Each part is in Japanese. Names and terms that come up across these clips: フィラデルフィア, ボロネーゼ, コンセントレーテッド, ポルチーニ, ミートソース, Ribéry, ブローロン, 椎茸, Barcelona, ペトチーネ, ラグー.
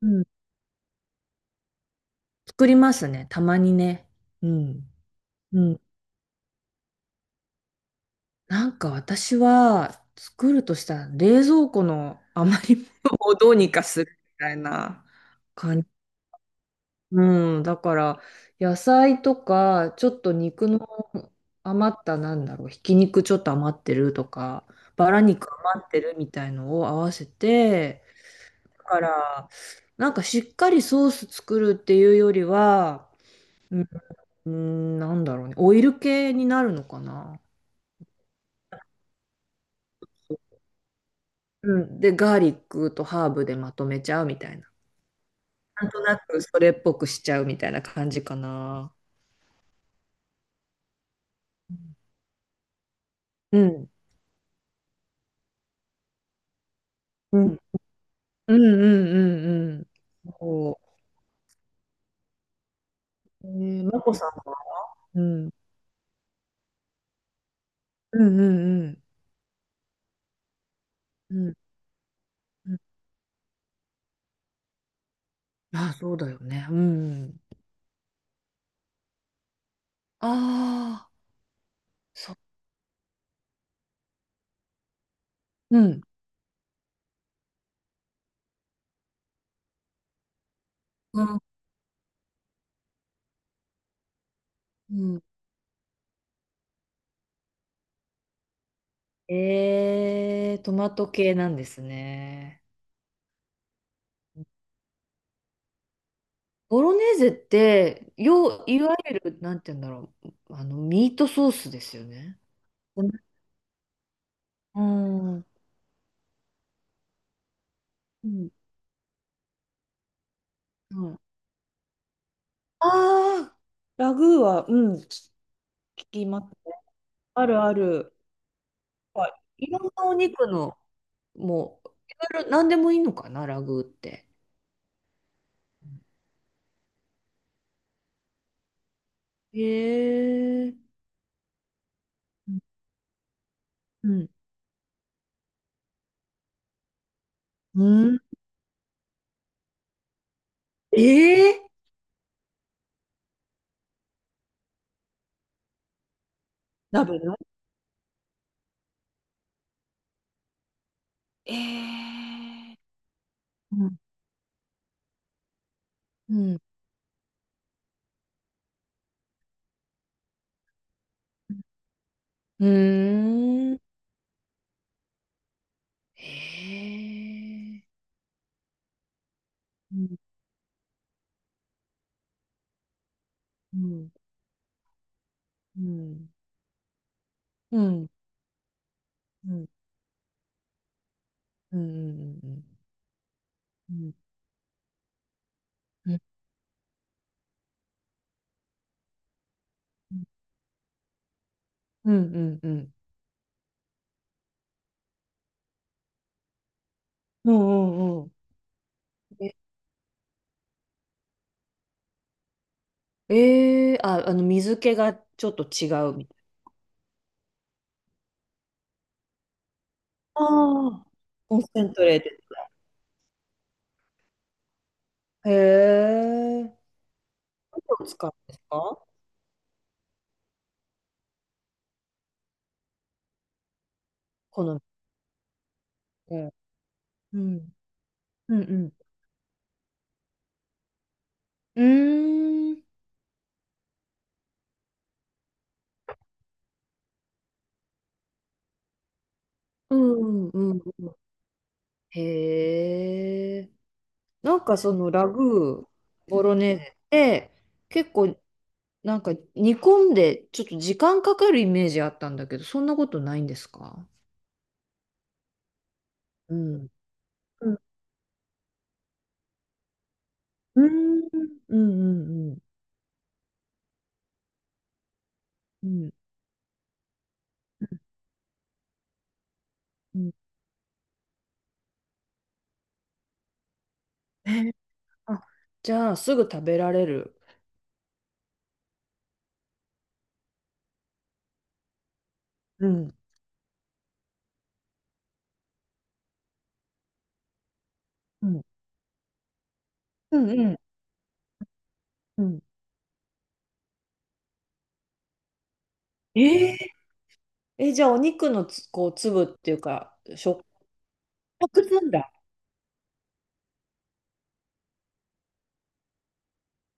うん、作りますね。たまにね。うん。うん。なんか私は作るとしたら冷蔵庫の余り物をどうにかするみたいな感じ。うん。だから野菜とか、ちょっと肉の余った、ひき肉ちょっと余ってるとか、バラ肉余ってるみたいのを合わせて、だから、なんかしっかりソース作るっていうよりは、うーん、なんだろうね。オイル系になるのかな。うん。で、ガーリックとハーブでまとめちゃうみたいな。なんとなくそれっぽくしちゃうみたいな感じかな。うん。うん。うんうんうんうん。そう。まこさんは。うん。うんうんうん。うん。うん。あ、そうだよね。うん。ああ、そう。うん。うん。うん。えー、トマト系なんですね。ボロネーゼって、よう、いわゆる、なんて言うんだろう、あの、ミートソースですよね。うん。うんうん。ああー、ラグーは、うん、聞きますね。あるある。はい。いろんなお肉の、もう、いろいろ、なんでもいいのかな、ラグーって。へえ。うん。うん。ええー。鍋の。ええー。うん。うん。うーん。へえ。うん、うん、うん、うん、うん、うん、うん、うん、うん、うん、うん、うん、うん、ええー。あ、あの、水気がちょっと違うみたいな。ああ、コンセントレーテッド。へえ。何を使うんですか？好みで。うん、うん、うん。うーん、うん、うんうん。へえ。なんかそのラグー、ボロネーゼって、結構なんか煮込んでちょっと時間かかるイメージあったんだけど、そんなことないんですか？うん。うんうんうんうんうん。うんうん。えー。あ、じゃあ、すぐ食べられる。うん。うん。うんうんうん。えー。え、じゃあ、お肉のつ、こう、粒っていうか、触覚なんだ。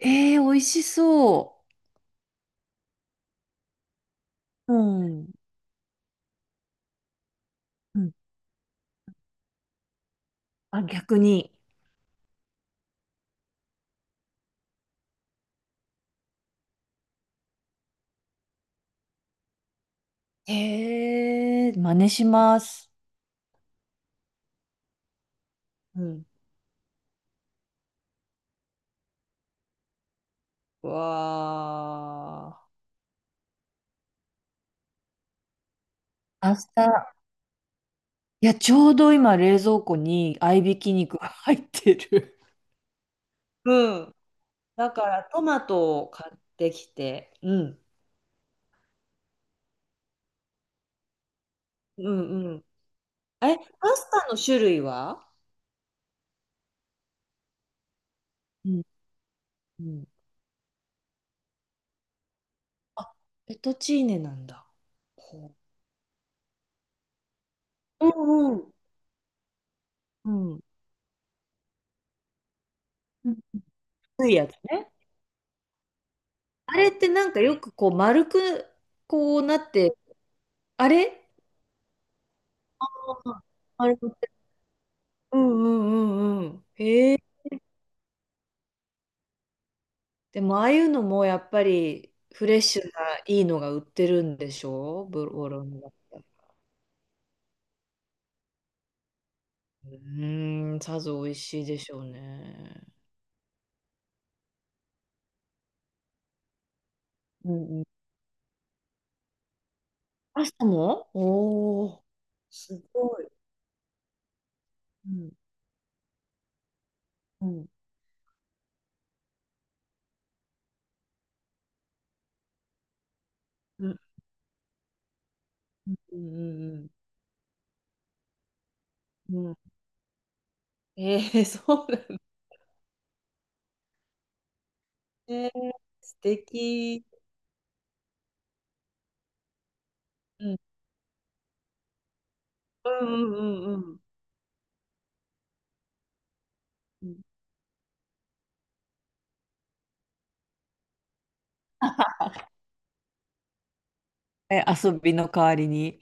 えー、美味しそう。うん。うん。あ、逆に。えー、真似します。うん。わあ。明日、いや、ちょうど今、冷蔵庫に合いびき肉が入ってる。うん。だからトマトを買ってきて、うん。うんうん。え、パスタの種類は？うんうん。あ、ペトチーネなんだ。ほ。うんうんう。うん。うん。薄いやつね。あれってなんかよくこう丸くこうなって、あれ、あれ、うんうんうんうん。へえ。でもああいうのもやっぱりフレッシュないいのが売ってるんでしょ？ブローロンだったら。うーん、さぞ美味しいでしょうね。うんうん。パスタも。おおー、すごい。うん、うん、うん、うん、うんうん。うん。えー、そうなんだ。えー、素敵。うん、うんうんうんうん。え、遊びの代わりに。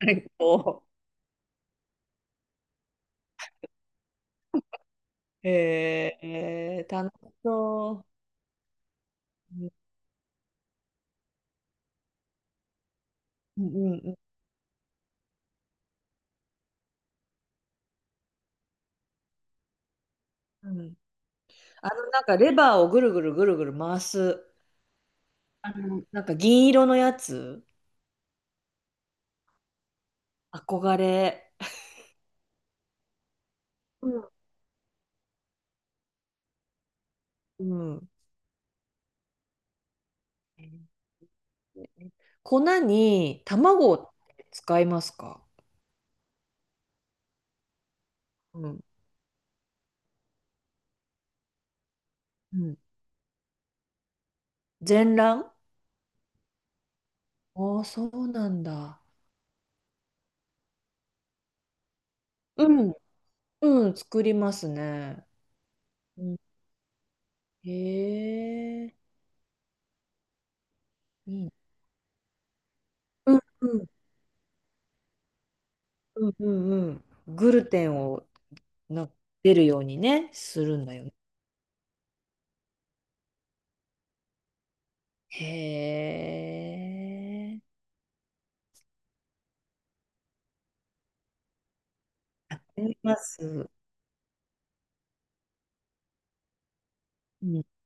最高。えー、えー楽しそう。うんうんうんうん。あのなんかレバーをぐるぐるぐるぐる回す、あの、なんか銀色のやつ、憧れ。うん。うん。粉に卵を使いますか？うん。うん。全卵？ああ、そうなんだ。うん。うん、作りますね。うん。へえ。いい。うんうんうんうんうん。グルテンをな出るようにね、するんだよね。へえ。思います。うん、うん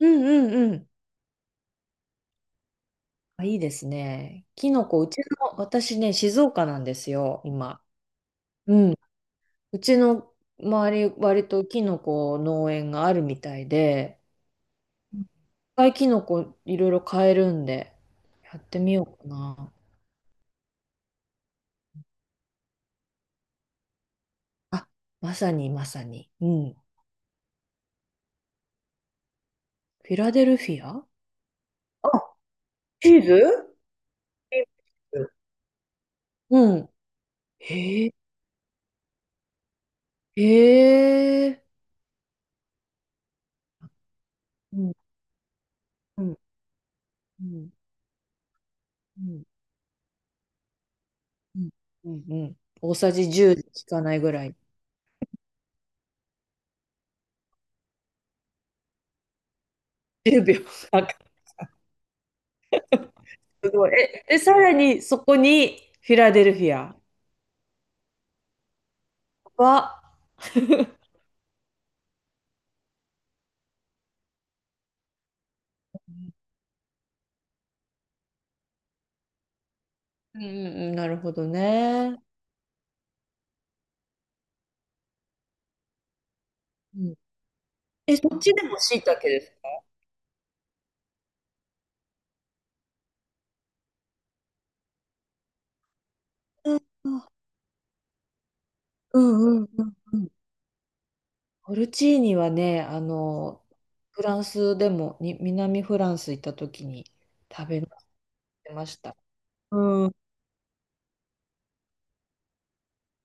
うんうん。あ、いいですね。キノコ、うちの、私ね、静岡なんですよ、今。うん。うちの周り、割とキノコ農園があるみたいで、いっぱいキノコいろいろ買えるんで、やってみようかな。あ、まさにまさに。うん。フィラデルフィア。あ、チーズ。チーズ。うん。へえ、へえ。うん、うん、うん。うんうんうんうん。大さじ10で効かないぐらい。10秒。あ、すごい。え、え、さらにそこにフィラデルフィアは、うんうんうん、なるほどね。うん、え、そっちでも椎茸ですか？うんうんうんうん。ポルチーニはね、あの、フランスでも、に、南フランス行った時に食べました。うん。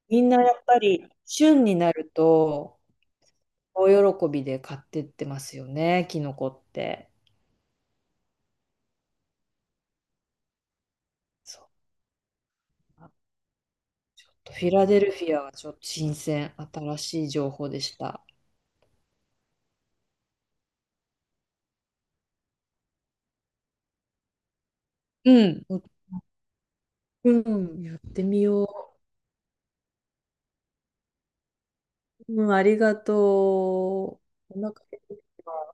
みんなやっぱり、旬になると、大喜びで買ってってますよね、キノコって。そう。ちょっとフィラデルフィアはちょっと新鮮、新しい情報でした。うん。うん、やってみよう。うん、ありがとう。お腹減ってきた。